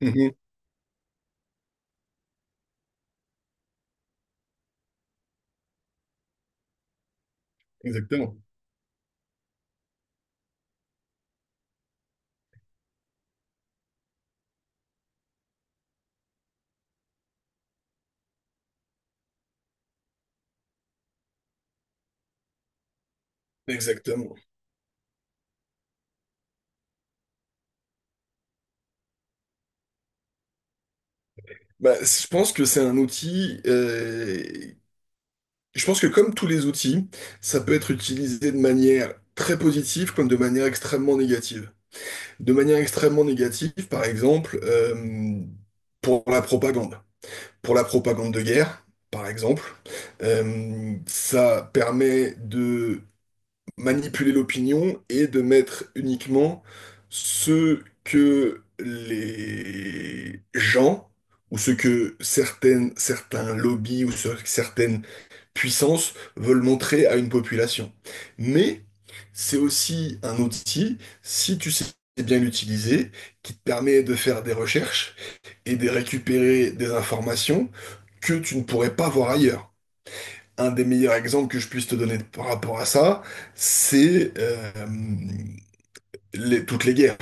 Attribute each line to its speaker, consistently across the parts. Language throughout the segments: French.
Speaker 1: Mhm. Exactement. Exactement. Je pense que c'est un outil. Je pense que comme tous les outils, ça peut être utilisé de manière très positive comme de manière extrêmement négative. De manière extrêmement négative, par exemple, pour la propagande. Pour la propagande de guerre, par exemple, ça permet manipuler l'opinion et de mettre uniquement ce que les gens ou ce que certaines, certains lobbies ou certaines puissances veulent montrer à une population. Mais c'est aussi un outil, si tu sais bien l'utiliser, qui te permet de faire des recherches et de récupérer des informations que tu ne pourrais pas voir ailleurs. Un des meilleurs exemples que je puisse te donner par rapport à ça, c'est toutes les guerres,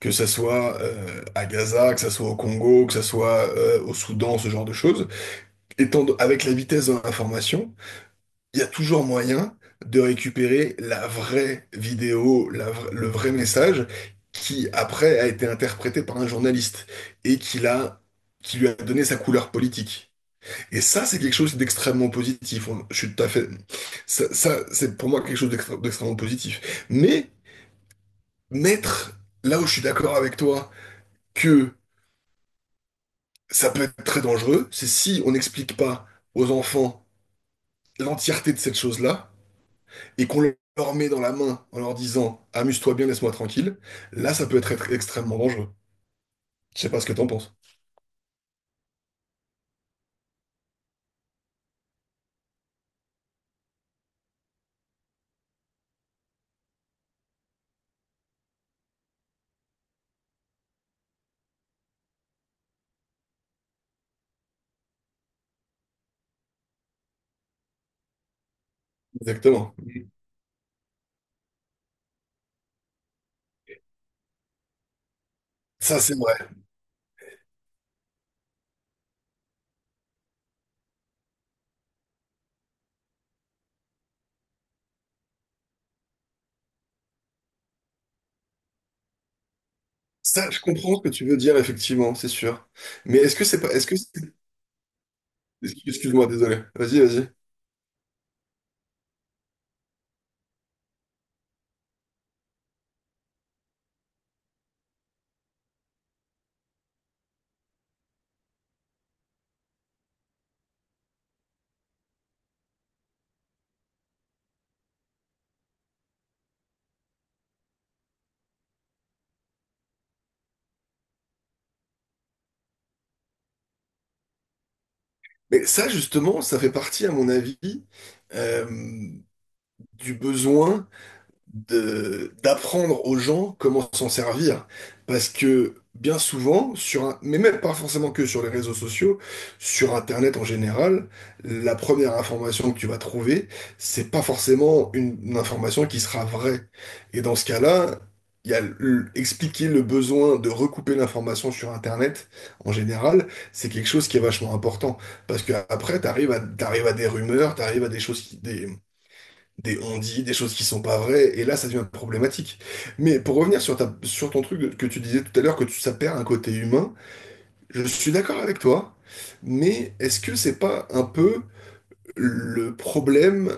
Speaker 1: que ça soit à Gaza, que ça soit au Congo, que ça soit au Soudan, ce genre de choses. Avec la vitesse de l'information, il y a toujours moyen de récupérer la vraie vidéo, le vrai message qui après a été interprété par un journaliste et qui l'a, qui lui a donné sa couleur politique. Et ça, c'est quelque chose d'extrêmement positif. Je suis tout à fait. Ça, c'est pour moi quelque chose d'extrêmement positif. Mais mettre, là où je suis d'accord avec toi, que ça peut être très dangereux, c'est si on n'explique pas aux enfants l'entièreté de cette chose-là et qu'on leur met dans la main en leur disant amuse-toi bien, laisse-moi tranquille. Là, ça peut être extrêmement dangereux. Je sais pas ce que t'en penses. Exactement. Ça, c'est vrai. Ça, je comprends ce que tu veux dire, effectivement, c'est sûr. Mais est-ce que c'est pas. Est-ce que. Excuse-moi, désolé. Vas-y, vas-y. Mais ça, justement, ça fait partie, à mon avis, euh, du besoin d'apprendre aux gens comment s'en servir. Parce que bien souvent, sur un, mais même pas forcément que sur les réseaux sociaux, sur Internet en général, la première information que tu vas trouver, c'est pas forcément une information qui sera vraie. Et dans ce cas-là, il y a expliquer le besoin de recouper l'information sur Internet en général, c'est quelque chose qui est vachement important. Parce que après, t'arrives à des rumeurs, t'arrives à des choses qui, des on-dit, des choses qui sont pas vraies, et là ça devient problématique. Mais pour revenir sur ta, sur ton truc que tu disais tout à l'heure, ça perd un côté humain, je suis d'accord avec toi, mais est-ce que c'est pas un peu le problème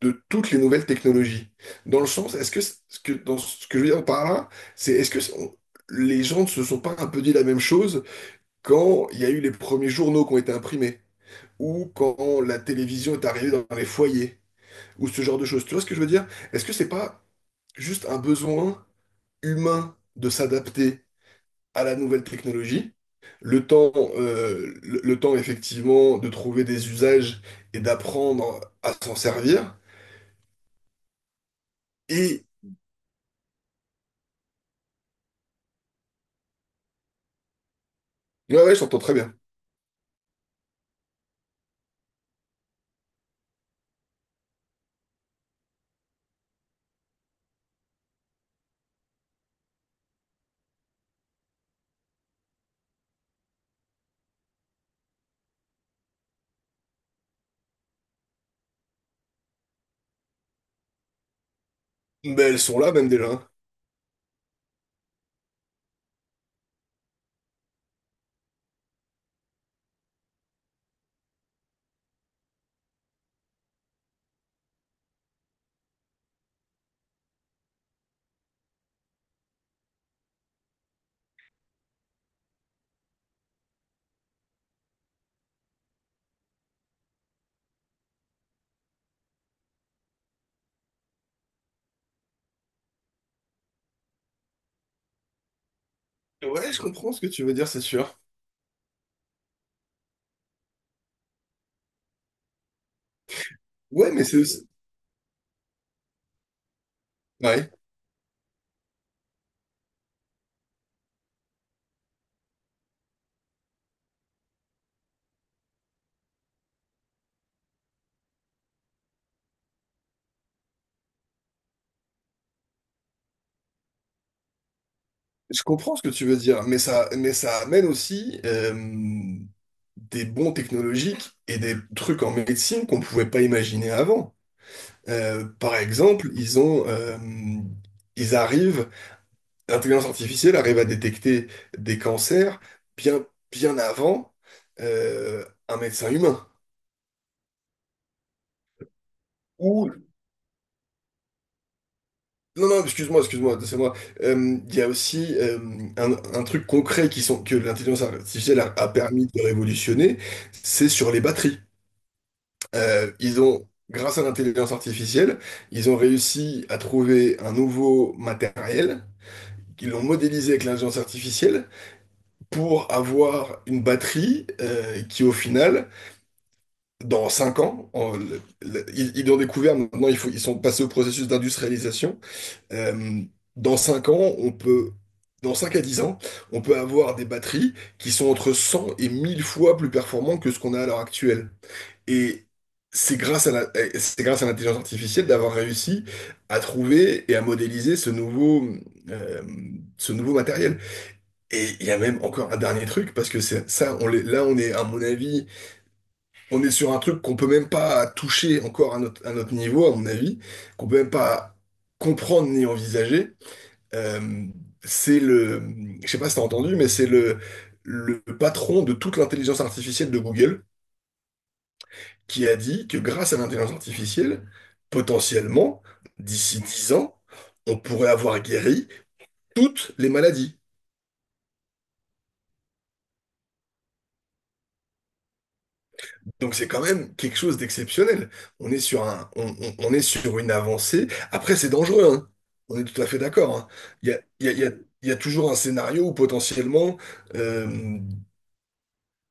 Speaker 1: de toutes les nouvelles technologies? Dans le sens, est-ce que, dans ce que je veux dire par là, c'est est-ce que les gens ne se sont pas un peu dit la même chose quand il y a eu les premiers journaux qui ont été imprimés, ou quand la télévision est arrivée dans les foyers, ou ce genre de choses? Tu vois ce que je veux dire? Est-ce que c'est pas juste un besoin humain de s'adapter à la nouvelle technologie? Le temps, le temps effectivement de trouver des usages et d'apprendre à s'en servir. Et ouais, ouais, je t'entends très bien. Mais elles sont là même déjà, hein. Ouais, je comprends ce que tu veux dire, c'est sûr. Ouais, mais c'est aussi... Ouais, je comprends ce que tu veux dire, mais ça amène aussi des bons technologiques et des trucs en médecine qu'on pouvait pas imaginer avant. Par exemple, ils arrivent, l'intelligence artificielle arrive à détecter des cancers bien, bien avant un médecin humain. Ou, non, non, excuse-moi, excuse-moi, c'est moi. Il y a aussi un truc concret qui sont, que l'intelligence artificielle a permis de révolutionner, c'est sur les batteries. Ils ont, grâce à l'intelligence artificielle, ils ont réussi à trouver un nouveau matériel, qu'ils l'ont modélisé avec l'intelligence artificielle, pour avoir une batterie qui, au final, dans 5 ans, ils l'ont découvert, maintenant il faut, ils sont passés au processus d'industrialisation. Euh, dans 5 ans, on peut, dans 5 à 10 ans, on peut avoir des batteries qui sont entre 100 et 1000 fois plus performantes que ce qu'on a à l'heure actuelle. Et c'est grâce à la, et c'est grâce à l'intelligence artificielle d'avoir réussi à trouver et à modéliser euh, ce nouveau matériel. Et il y a même encore un dernier truc, parce que c'est ça, là, on est, à mon avis, on est sur un truc qu'on peut même pas toucher encore à notre niveau, à mon avis, qu'on peut même pas comprendre ni envisager. Euh, c'est le, je sais pas si t'as entendu, mais c'est le patron de toute l'intelligence artificielle de Google qui a dit que grâce à l'intelligence artificielle, potentiellement, d'ici 10 ans, on pourrait avoir guéri toutes les maladies. Donc c'est quand même quelque chose d'exceptionnel. On est sur un, on est sur une avancée. Après, c'est dangereux, hein. On est tout à fait d'accord, hein. Il y a, il y a- il y a- il y a toujours un scénario où potentiellement euh,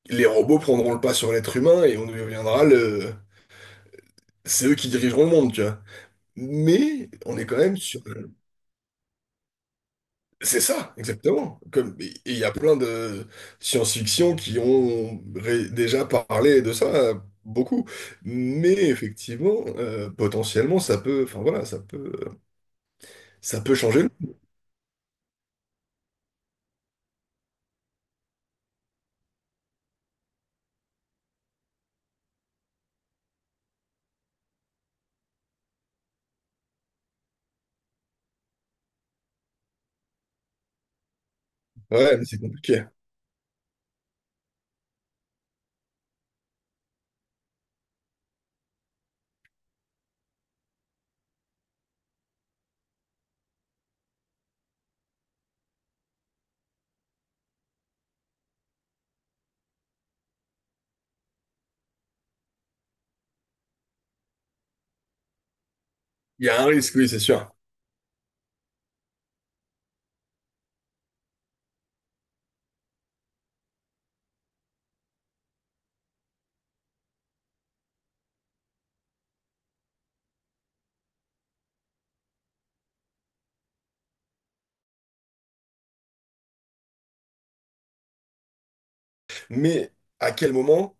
Speaker 1: les robots prendront le pas sur l'être humain et on deviendra le... C'est eux qui dirigeront le monde, tu vois. Mais on est quand même sur... C'est ça, exactement. Et il y a plein de science-fiction qui ont déjà parlé de ça beaucoup. Mais effectivement, potentiellement, ça peut, enfin voilà, ça peut changer le monde. Ouais, mais c'est compliqué. Il y a un risque, oui, c'est sûr. Mais à quel moment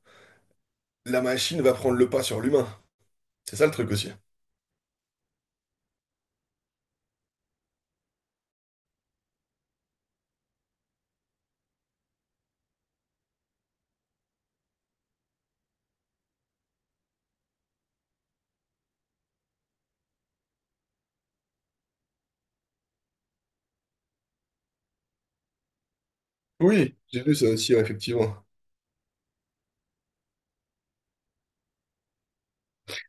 Speaker 1: la machine va prendre le pas sur l'humain? C'est ça le truc aussi. Oui, j'ai vu ça aussi, ouais, effectivement.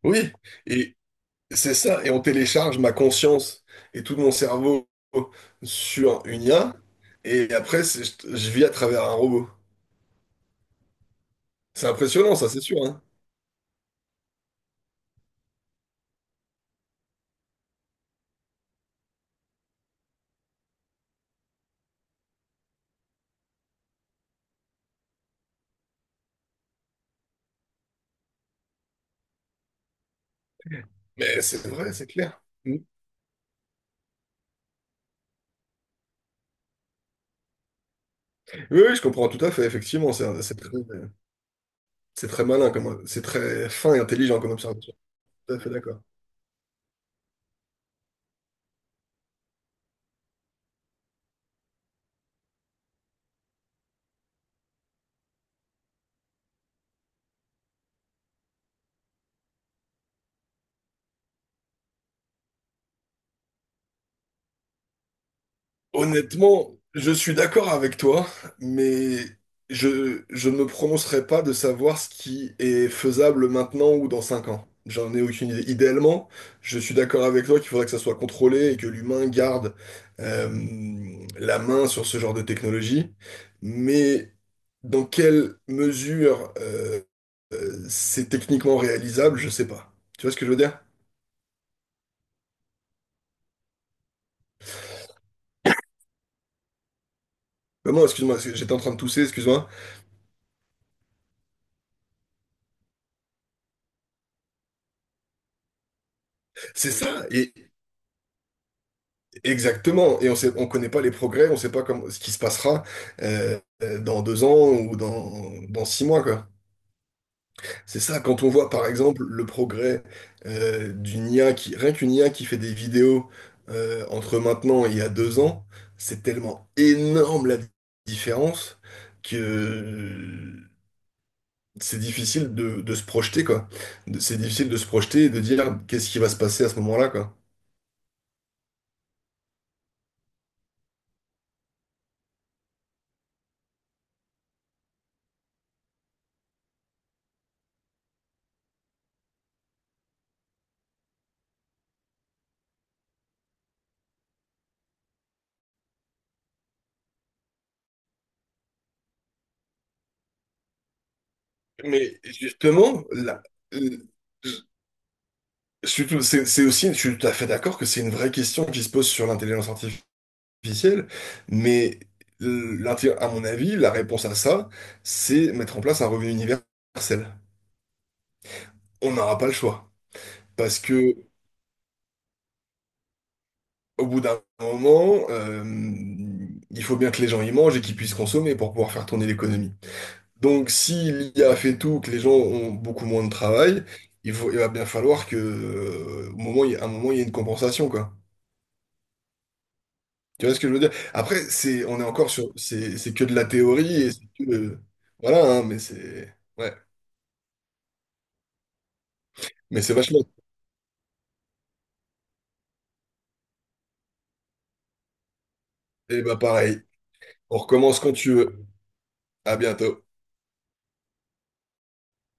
Speaker 1: Oui, et c'est ça, et on télécharge ma conscience et tout mon cerveau sur une IA, et après, je vis à travers un robot. C'est impressionnant, ça, c'est sûr, hein. Mais c'est vrai, c'est clair. Mm. Oui, oui, je comprends tout à fait, effectivement, c'est très, c'est très malin, comme, c'est très fin et intelligent comme observation. Tout à fait d'accord. Honnêtement, je suis d'accord avec toi, mais je ne me prononcerai pas de savoir ce qui est faisable maintenant ou dans 5 ans. J'en ai aucune idée. Idéalement, je suis d'accord avec toi qu'il faudrait que ça soit contrôlé et que l'humain garde euh, la main sur ce genre de technologie. Mais dans quelle mesure c'est techniquement réalisable, je sais pas. Tu vois ce que je veux dire? Maman, excuse-moi, parce que j'étais en train de tousser, excuse-moi. C'est ça. Exactement, et on sait, on connaît pas les progrès, on sait pas comme ce qui se passera dans 2 ans ou dans, dans 6 mois, quoi. C'est ça, quand on voit par exemple le progrès d'une IA qui, rien qu'une IA qui fait des vidéos entre maintenant et il y a 2 ans, c'est tellement énorme la différence que c'est difficile de se projeter, quoi. C'est difficile de se projeter et de dire qu'est-ce qui va se passer à ce moment-là, quoi. Mais justement, C'est aussi, je suis tout à fait d'accord que c'est une vraie question qui se pose sur l'intelligence artificielle, mais à mon avis, la réponse à ça, c'est mettre en place un revenu universel. On n'aura pas le choix. Parce que au bout d'un moment, il faut bien que les gens y mangent et qu'ils puissent consommer pour pouvoir faire tourner l'économie. Donc si l'IA fait tout, que les gens ont beaucoup moins de travail, il va bien falloir que, au moment, il y a- à un moment, il y ait une compensation, quoi. Tu vois ce que je veux dire? Après, on est encore sur, c'est que de la théorie et c'est que, voilà, hein, mais c'est, ouais, mais c'est vachement. Et bah pareil, on recommence quand tu veux. À bientôt.